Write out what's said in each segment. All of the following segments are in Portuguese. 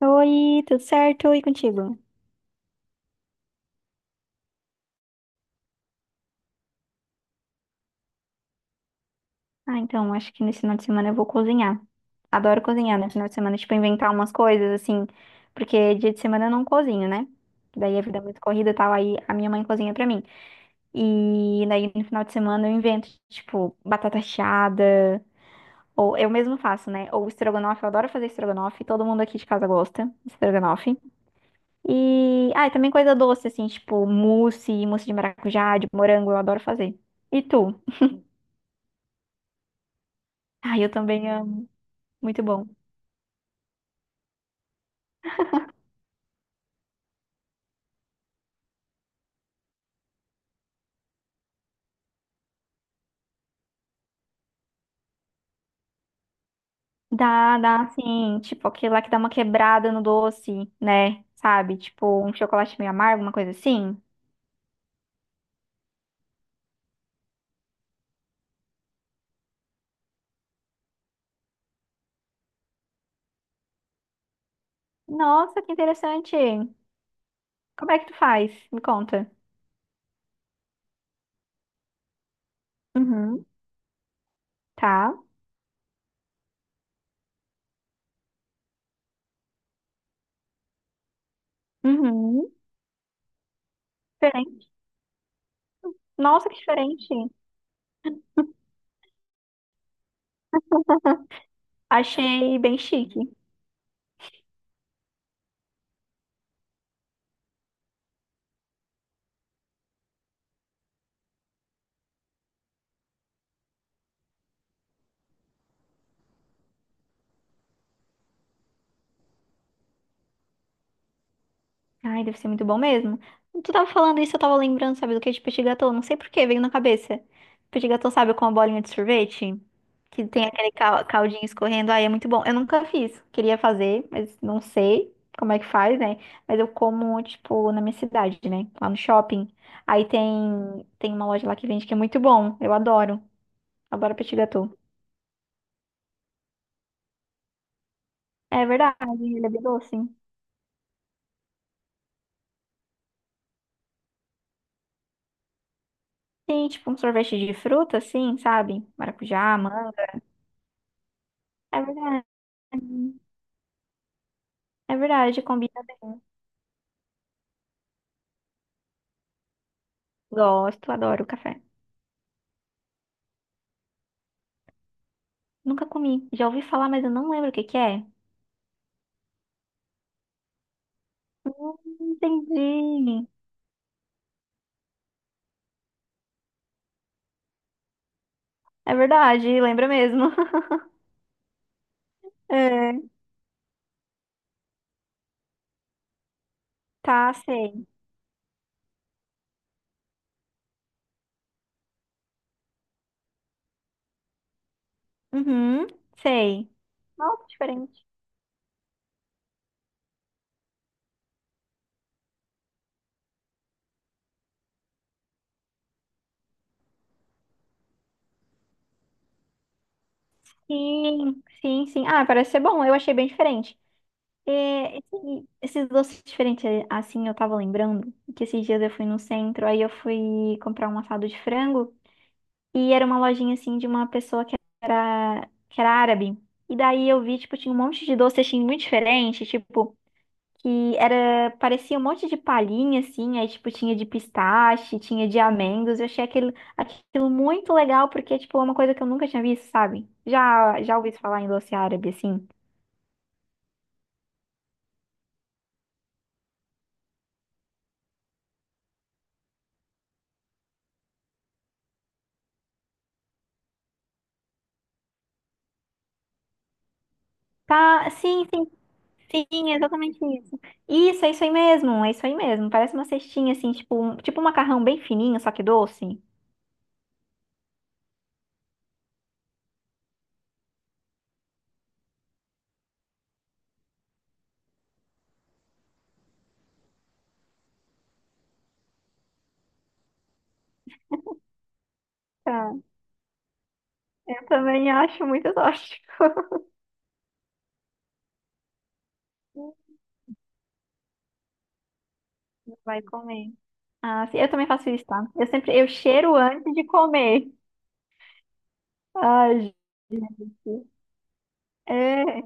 Oi, tudo certo? E contigo? Ah, então, acho que nesse final de semana eu vou cozinhar. Adoro cozinhar no final de semana, tipo, inventar umas coisas, assim, porque dia de semana eu não cozinho, né? Daí a vida é muito corrida e tal, aí a minha mãe cozinha pra mim. E daí no final de semana eu invento, tipo, batata chiada, ou eu mesmo faço, né? Ou estrogonofe, eu adoro fazer estrogonofe, todo mundo aqui de casa gosta de estrogonofe. E, ah, e também coisa doce, assim, tipo, mousse, mousse de maracujá, de morango, eu adoro fazer. E tu? Ah, eu também amo. Muito bom. Dá, dá, assim, tipo, aquele lá que dá uma quebrada no doce, né? Sabe? Tipo, um chocolate meio amargo, uma coisa assim. Nossa, que interessante. Como é que tu faz? Me conta. Uhum. Tá. Uhum. Diferente. Nossa, que diferente. Achei bem chique. Ai, deve ser muito bom mesmo. Tu tava falando isso, eu tava lembrando, sabe, do que de petit gâteau. Não sei por que, veio na cabeça. Petit gâteau, sabe, com a bolinha de sorvete? Que tem aquele caldinho escorrendo. Ai, é muito bom. Eu nunca fiz. Queria fazer, mas não sei como é que faz, né? Mas eu como, tipo, na minha cidade, né? Lá no shopping. Aí tem uma loja lá que vende que é muito bom. Eu adoro. Adoro petit gâteau. É verdade, ele é bem doce. Sim, tipo um sorvete de fruta, assim, sabe? Maracujá, manga. É verdade. É verdade, combina bem. Gosto, adoro café. Nunca comi. Já ouvi falar, mas eu não lembro o que que é. Hum, entendi. É verdade, lembra mesmo. É, tá, sei. Uhum, sei. Nossa, diferente. Sim, sim, sim. Ah, parece ser bom. Eu achei bem diferente. É, esses doces diferentes, assim, eu tava lembrando que esses dias eu fui no centro, aí eu fui comprar um assado de frango. E era uma lojinha assim de uma pessoa que era árabe. E daí eu vi, tipo, tinha um monte de doce assim muito diferente, tipo, que era, parecia um monte de palhinha assim, aí tipo tinha de pistache, tinha de amêndoas. Eu achei aquilo, aquilo muito legal porque tipo é uma coisa que eu nunca tinha visto, sabe? Já ouvi falar em doce árabe assim. Tá, sim, sim, sim, é exatamente isso. Isso, é isso aí mesmo, é isso aí mesmo. Parece uma cestinha assim, tipo, tipo um macarrão bem fininho, só que doce. Eu também acho muito tóxico. Vai comer. Ah, sim, eu também faço isso, tá? Eu sempre, eu cheiro antes de comer. Ai, gente. É.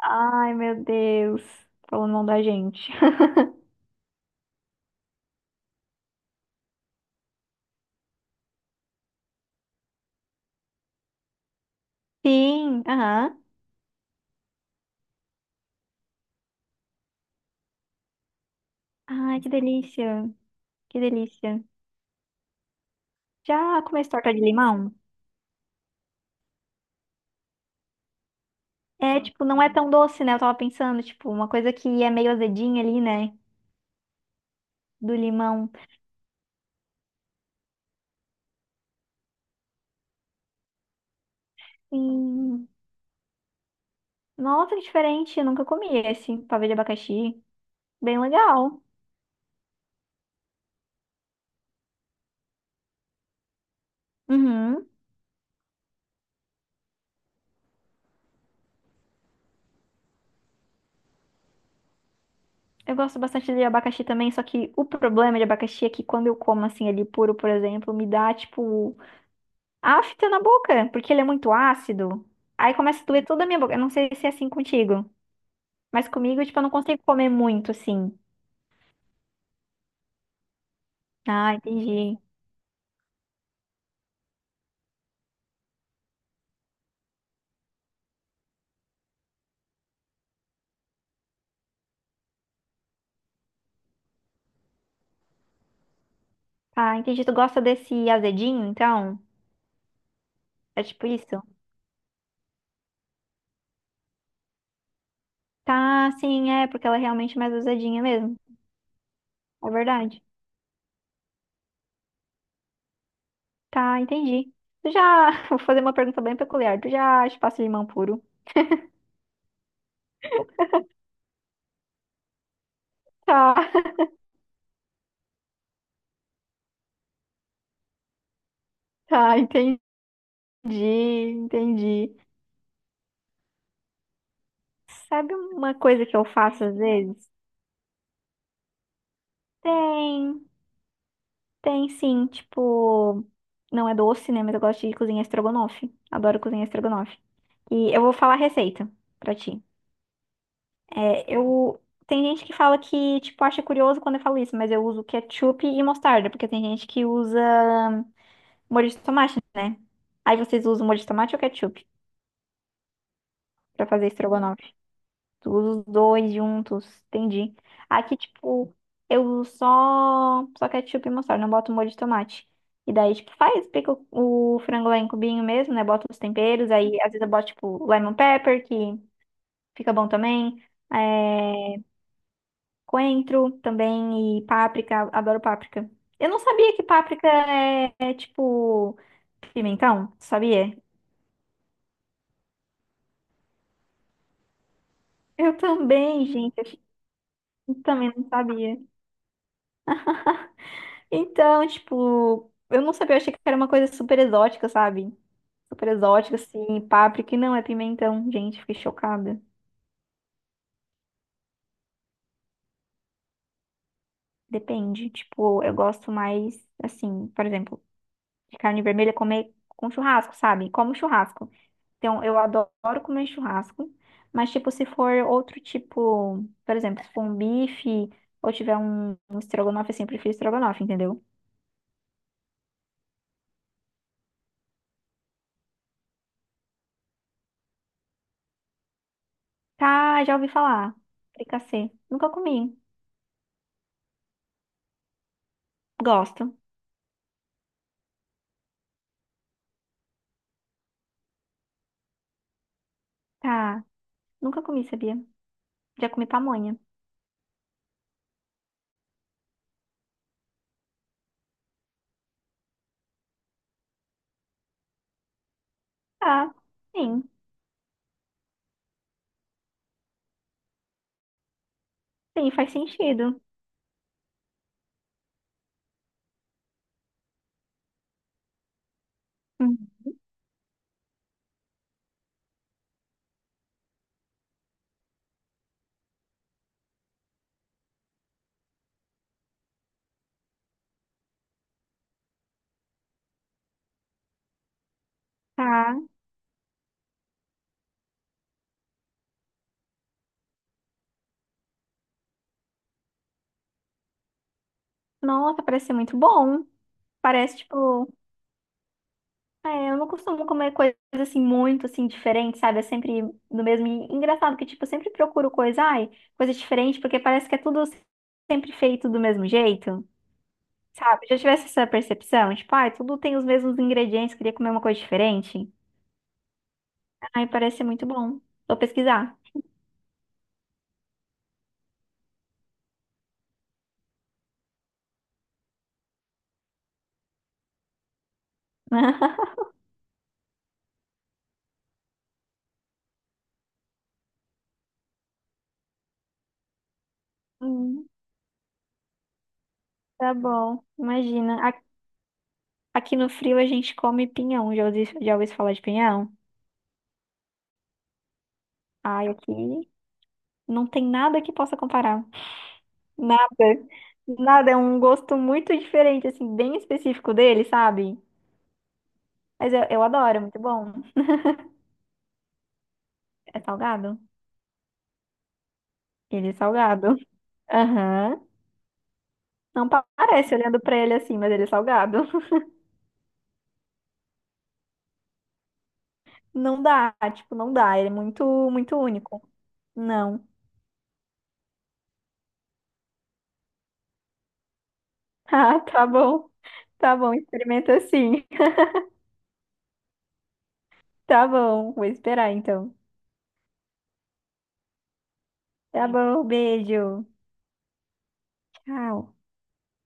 Ai, meu Deus. Falando mal da gente. Sim, aham. Ai, que delícia. Que delícia. Já comeu torta de limão? É, tipo, não é tão doce, né? Eu tava pensando, tipo, uma coisa que é meio azedinha ali, né? Do limão. Sim. Nossa, que diferente. Eu nunca comi esse pavê de abacaxi. Bem legal. Uhum. Eu gosto bastante de abacaxi também, só que o problema de abacaxi é que quando eu como assim ele puro, por exemplo, me dá tipo afta na boca, porque ele é muito ácido. Aí começa a doer toda a minha boca. Eu não sei se é assim contigo, mas comigo, tipo, eu não consigo comer muito assim. Ah, entendi. Ah, entendi. Tu gosta desse azedinho, então? É tipo isso? Tá, sim, é, porque ela é realmente mais azedinha mesmo. É verdade. Tá, entendi. Tu já. Vou fazer uma pergunta bem peculiar. Tu já chupasse limão puro? Tá. Tá, entendi. Entendi, entendi. Sabe uma coisa que eu faço às vezes? Tem, tem sim, tipo, não é doce, né? Mas eu gosto de cozinhar estrogonofe. Adoro cozinhar estrogonofe. E eu vou falar a receita pra ti. É, eu Tem gente que fala que, tipo, acha curioso quando eu falo isso, mas eu uso ketchup e mostarda, porque tem gente que usa molho de tomate, né? Aí vocês usam molho de tomate ou ketchup pra fazer estrogonofe? Os dois juntos, entendi. Aqui, tipo, eu só ketchup e mostarda, não boto molho de tomate. E daí, tipo, faz, pica o frango lá em cubinho mesmo, né? Bota os temperos, aí às vezes eu boto, tipo, lemon pepper, que fica bom também. É, coentro também e páprica, adoro páprica. Eu não sabia que páprica é, tipo pimentão, sabia? Eu também, gente, eu também não sabia. Então, tipo, eu não sabia, eu achei que era uma coisa super exótica, sabe? Super exótica, assim, páprica, e não, é pimentão. Gente, fiquei chocada. Depende, tipo, eu gosto mais, assim, por exemplo, de carne vermelha comer com churrasco, sabe? Como churrasco. Então, eu adoro comer churrasco, mas, tipo, se for outro tipo, por exemplo, se for um bife ou tiver um estrogonofe, assim, eu prefiro estrogonofe, entendeu? Tá, já ouvi falar. Fricassê. Nunca comi. Gosto. Tá. Nunca comi, sabia? Já comi pamonha. Tá, sim. Sim, faz sentido. Hum. Tá. Nossa, parece ser muito bom. Parece, tipo... É, eu não costumo comer coisas, assim, muito, assim, diferentes, sabe? É sempre no mesmo... E engraçado que, tipo, eu sempre procuro coisa... Ai, coisa diferente, porque parece que é tudo sempre feito do mesmo jeito, sabe? Já tivesse essa percepção? Tipo, ai, tudo tem os mesmos ingredientes, queria comer uma coisa diferente. Ai, parece ser muito bom. Vou pesquisar. Hum, Tá bom, imagina. Aqui no frio a gente come pinhão. Já ouvi falar de pinhão? Ai, aqui não tem nada que possa comparar. Nada. Nada. É um gosto muito diferente, assim, bem específico dele, sabe? Mas eu adoro, é muito bom. É salgado? Ele é salgado. Aham. Não pa- parece olhando pra ele assim, mas ele é salgado. Não dá, tipo, não dá. Ele é muito, muito único. Não. Ah, tá bom. Tá bom, experimenta assim. Tá bom, vou esperar então. Tá bom, beijo. Tchau.